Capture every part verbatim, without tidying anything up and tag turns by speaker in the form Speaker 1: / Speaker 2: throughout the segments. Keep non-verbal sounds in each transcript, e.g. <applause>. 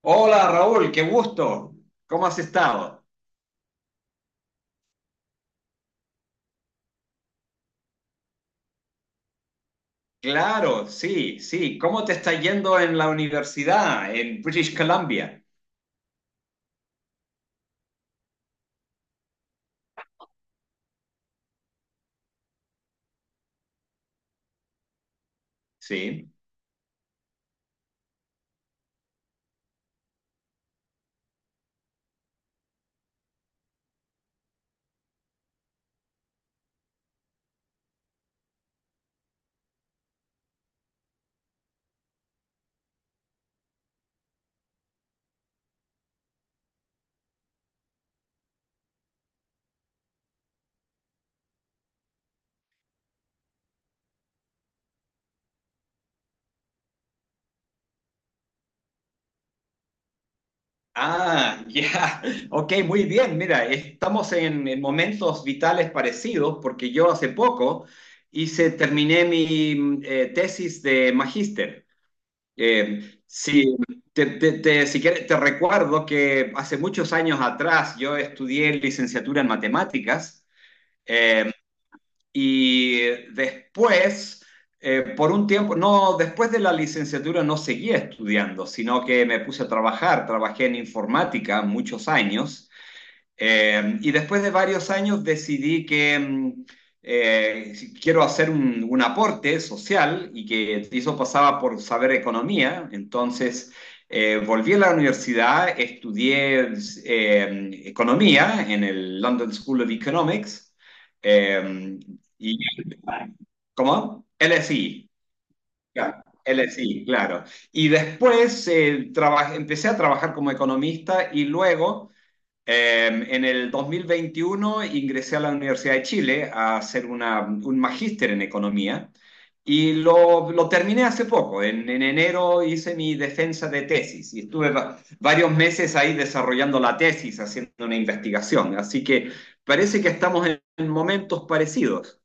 Speaker 1: Hola Raúl, qué gusto. ¿Cómo has estado? Claro, sí, sí. ¿Cómo te está yendo en la universidad en British Columbia? Sí. Ah, <laughs> ya. Ok, muy bien. Mira, estamos en en momentos vitales parecidos porque yo hace poco hice, terminé mi eh, tesis de magíster. Eh, sí, te, te- te- si quieres, te recuerdo que hace muchos años atrás yo estudié licenciatura en matemáticas. Eh, y después, eh, por un tiempo, no, después de la licenciatura no seguía estudiando, sino que me puse a trabajar, trabajé en informática muchos años eh, y después de varios años decidí que em, eh, si quiero hacer un, un, aporte social y que eso pasaba por saber economía. Entonces eh, volví a la universidad, estudié eh, economía en el London School of Economics. eh, y, ¿Cómo? L S I. Ya. L S I, claro. Y después eh, traba- empecé a trabajar como economista y luego, eh, en el dos mil veintiuno ingresé a la Universidad de Chile a hacer una- un magíster en economía y lo, lo terminé hace poco. En, en enero hice mi defensa de tesis y estuve va- varios meses ahí desarrollando la tesis, haciendo una investigación. Así que parece que estamos en en momentos parecidos.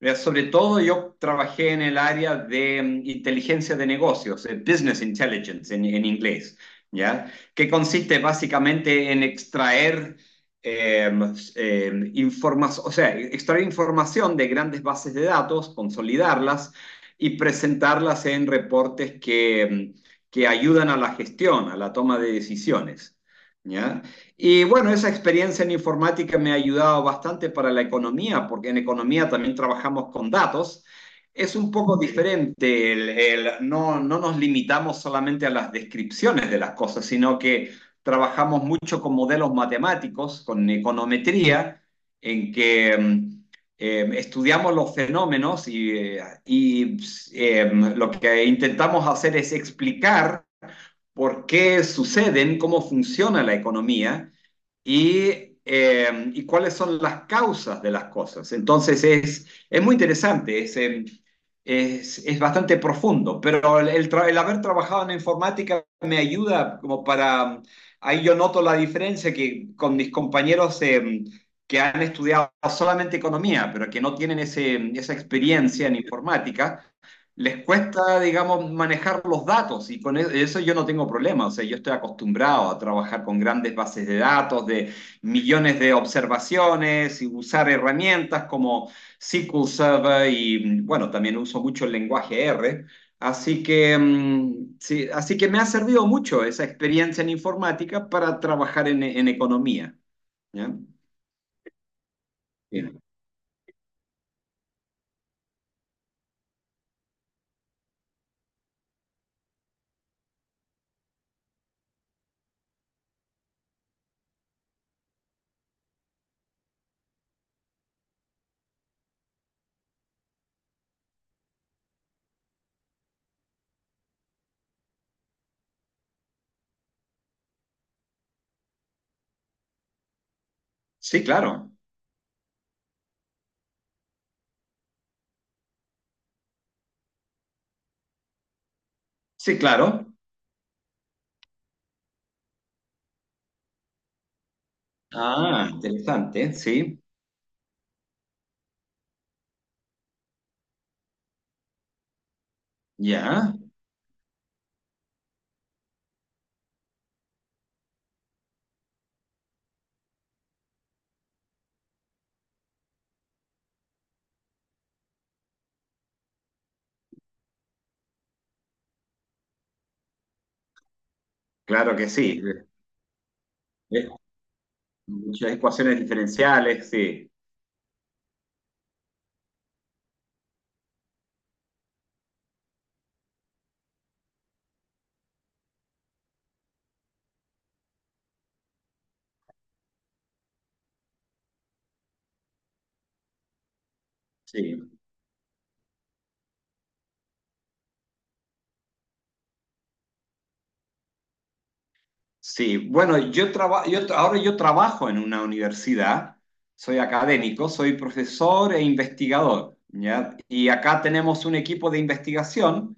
Speaker 1: Mira, sobre todo yo trabajé en el área de mm, inteligencia de negocios, eh, business intelligence en, en inglés, ¿ya? Que consiste básicamente en extraer eh, eh, informas- o sea, extraer información de grandes bases de datos, consolidarlas y presentarlas en reportes que, mm, que ayudan a la gestión, a la toma de decisiones, ¿ya? Y bueno, esa experiencia en informática me ha ayudado bastante para la economía, porque en economía también trabajamos con datos. Es un poco diferente, el- el- no, no nos limitamos solamente a las descripciones de las cosas, sino que trabajamos mucho con modelos matemáticos, con econometría, en que mm, eh, estudiamos los fenómenos y, eh, y, eh, lo que intentamos hacer es explicar por qué suceden, cómo funciona la economía y, eh, y cuáles son las causas de las cosas. Entonces es, es muy interesante, es, eh, es, es bastante profundo, pero el, el el haber trabajado en informática me ayuda como para, ahí yo noto la diferencia que con mis compañeros eh, que han estudiado solamente economía, pero que no tienen ese- esa experiencia en informática les cuesta, digamos, manejar los datos y con e-, eso yo no tengo problema. O sea, yo estoy acostumbrado a trabajar con grandes bases de datos, de millones de observaciones y usar herramientas como sequel Server y, bueno, también uso mucho el lenguaje R. Así que, mm, sí, así que me ha servido mucho esa experiencia en informática para trabajar en, en economía. ¿Ya? Bien. Sí, claro. Sí, claro. Ah, interesante. Sí, ya. Claro que sí. Es- Muchas ecuaciones diferenciales, sí, sí, sí. Bueno, yo trabajo, yo tra- ahora yo trabajo en una universidad, soy académico, soy profesor e investigador, ¿ya? Y acá tenemos un equipo de investigación,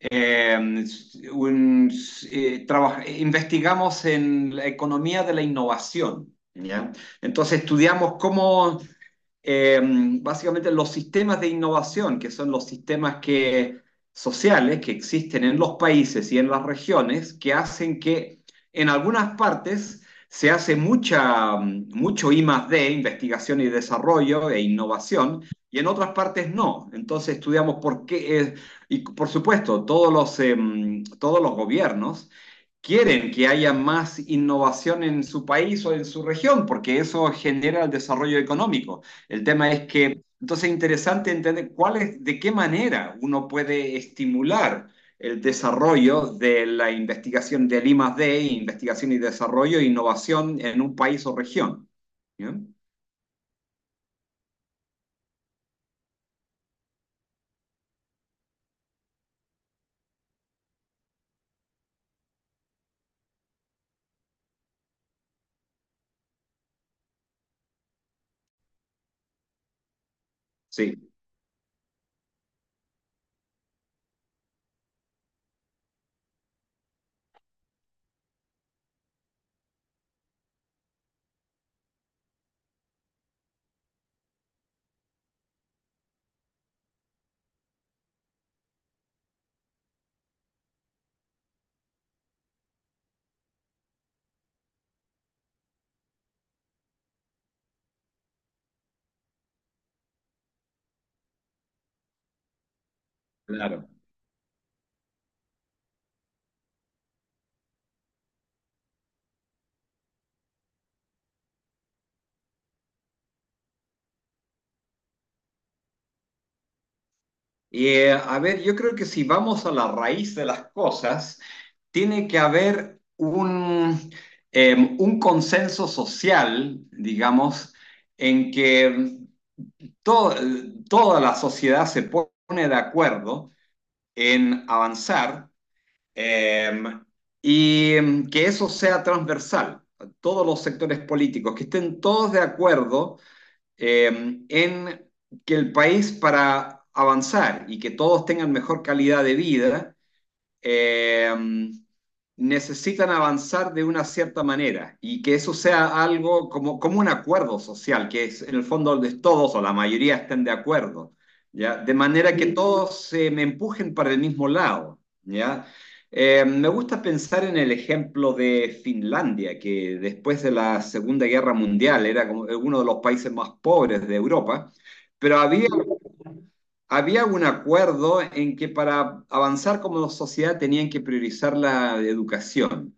Speaker 1: eh, un- eh, traba- investigamos en la economía de la innovación, ¿ya? Entonces estudiamos cómo, eh, básicamente los sistemas de innovación, que son los sistemas que, sociales que existen en los países y en las regiones, que hacen que en algunas partes se hace mucha, mm, mucho I más D, investigación y desarrollo e innovación, y en otras partes no. Entonces estudiamos por qué, eh, y por supuesto, todos los, eh, todos los gobiernos quieren que haya más innovación en su país o en su región, porque eso genera el desarrollo económico. El tema es que, entonces es interesante entender cuál es, de qué manera uno puede estimular el desarrollo de la investigación del I+D, investigación y desarrollo e innovación en un país o región. ¿Bien? Sí, claro. Eh, a ver, yo creo que si vamos a la raíz de las cosas, tiene que haber un, eh, un consenso social, digamos, en que to- toda la sociedad se pone de acuerdo en avanzar eh, y que eso sea transversal, todos los sectores políticos, que estén todos de acuerdo eh, en que el país para avanzar y que todos tengan mejor calidad de vida, eh, necesitan avanzar de una cierta manera y que eso sea algo como, como un acuerdo social, que es en el fondo de todos o la mayoría estén de acuerdo, ¿ya? De manera que todos se me empujen para el mismo lado, ¿ya? Eh, me gusta pensar en el ejemplo de Finlandia, que después de la Segunda Guerra Mundial era como uno de los países más pobres de Europa, pero había había un acuerdo en que para avanzar como sociedad tenían que priorizar la educación.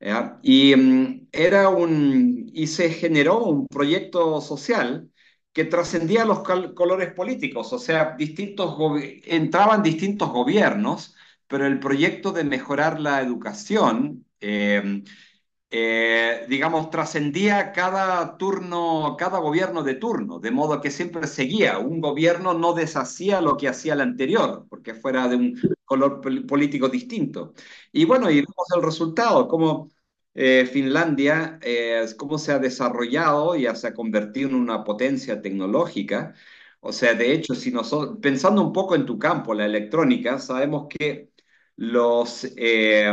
Speaker 1: ¿Ya? Y, mm, era un, y se generó un proyecto social que trascendía los colores políticos, o sea, distintos entraban distintos gobiernos, pero el proyecto de mejorar la educación eh, eh, digamos, trascendía cada turno, cada gobierno de turno, de modo que siempre seguía. Un gobierno no deshacía lo que hacía el anterior, porque fuera de un color político distinto. Y bueno, y vemos el resultado, cómo, eh, Finlandia, eh, cómo se ha desarrollado y se ha convertido en una potencia tecnológica. O sea, de hecho, si nosotros, pensando un poco en tu campo, la electrónica, sabemos que los, eh,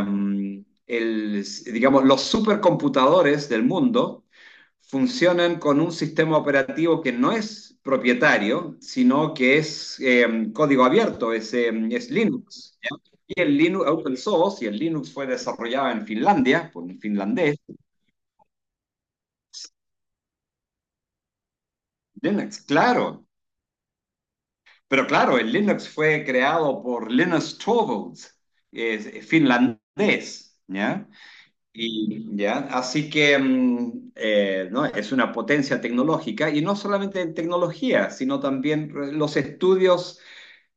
Speaker 1: el- digamos, los supercomputadores del mundo funcionan con un sistema operativo que no es propietario, sino que es eh, código abierto, es, eh, es Linux. ¿Ya? Y el Linux open source, y el Linux fue desarrollado en Finlandia, por un finlandés. Linux, claro. Pero claro, el Linux fue creado por Linus Torvalds, es finlandés, ¿ya? Y, ya, así que mm, eh, ¿no? Es una potencia tecnológica y no solamente en tecnología, sino también eh, los estudios,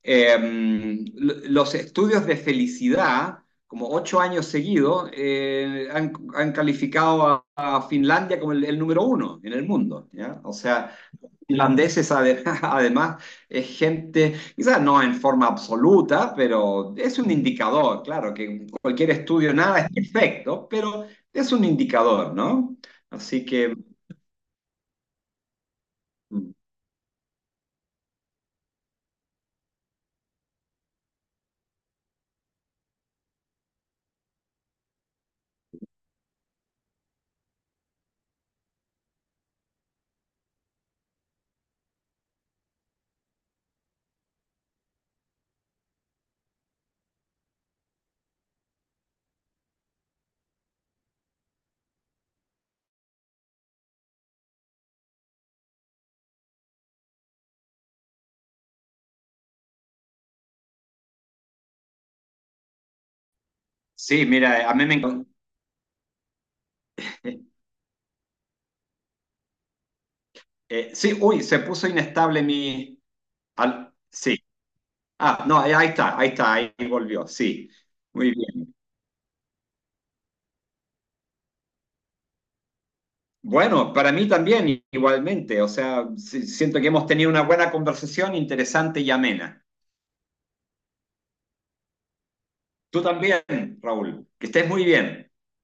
Speaker 1: eh, mm, lo- los estudios de felicidad, como ocho años seguidos, eh, han, han calificado a, a Finlandia como el, el número uno en el mundo, ¿ya? O sea, irlandeses, ade- <laughs> además, es gente, quizás no en forma absoluta, pero es un indicador, claro, que cualquier estudio, nada es perfecto, pero es un indicador, ¿no? Así que, sí, mira, a mí me encanta. Eh, eh, sí, uy, se puso inestable mi... al- sí, ah, no, eh, ahí está, ahí está, ahí volvió, sí, muy bien. Bueno, para mí también, igualmente, o sea, sí, siento que hemos tenido una buena conversación, interesante y amena. Tú también, Raúl. Que estés muy bien.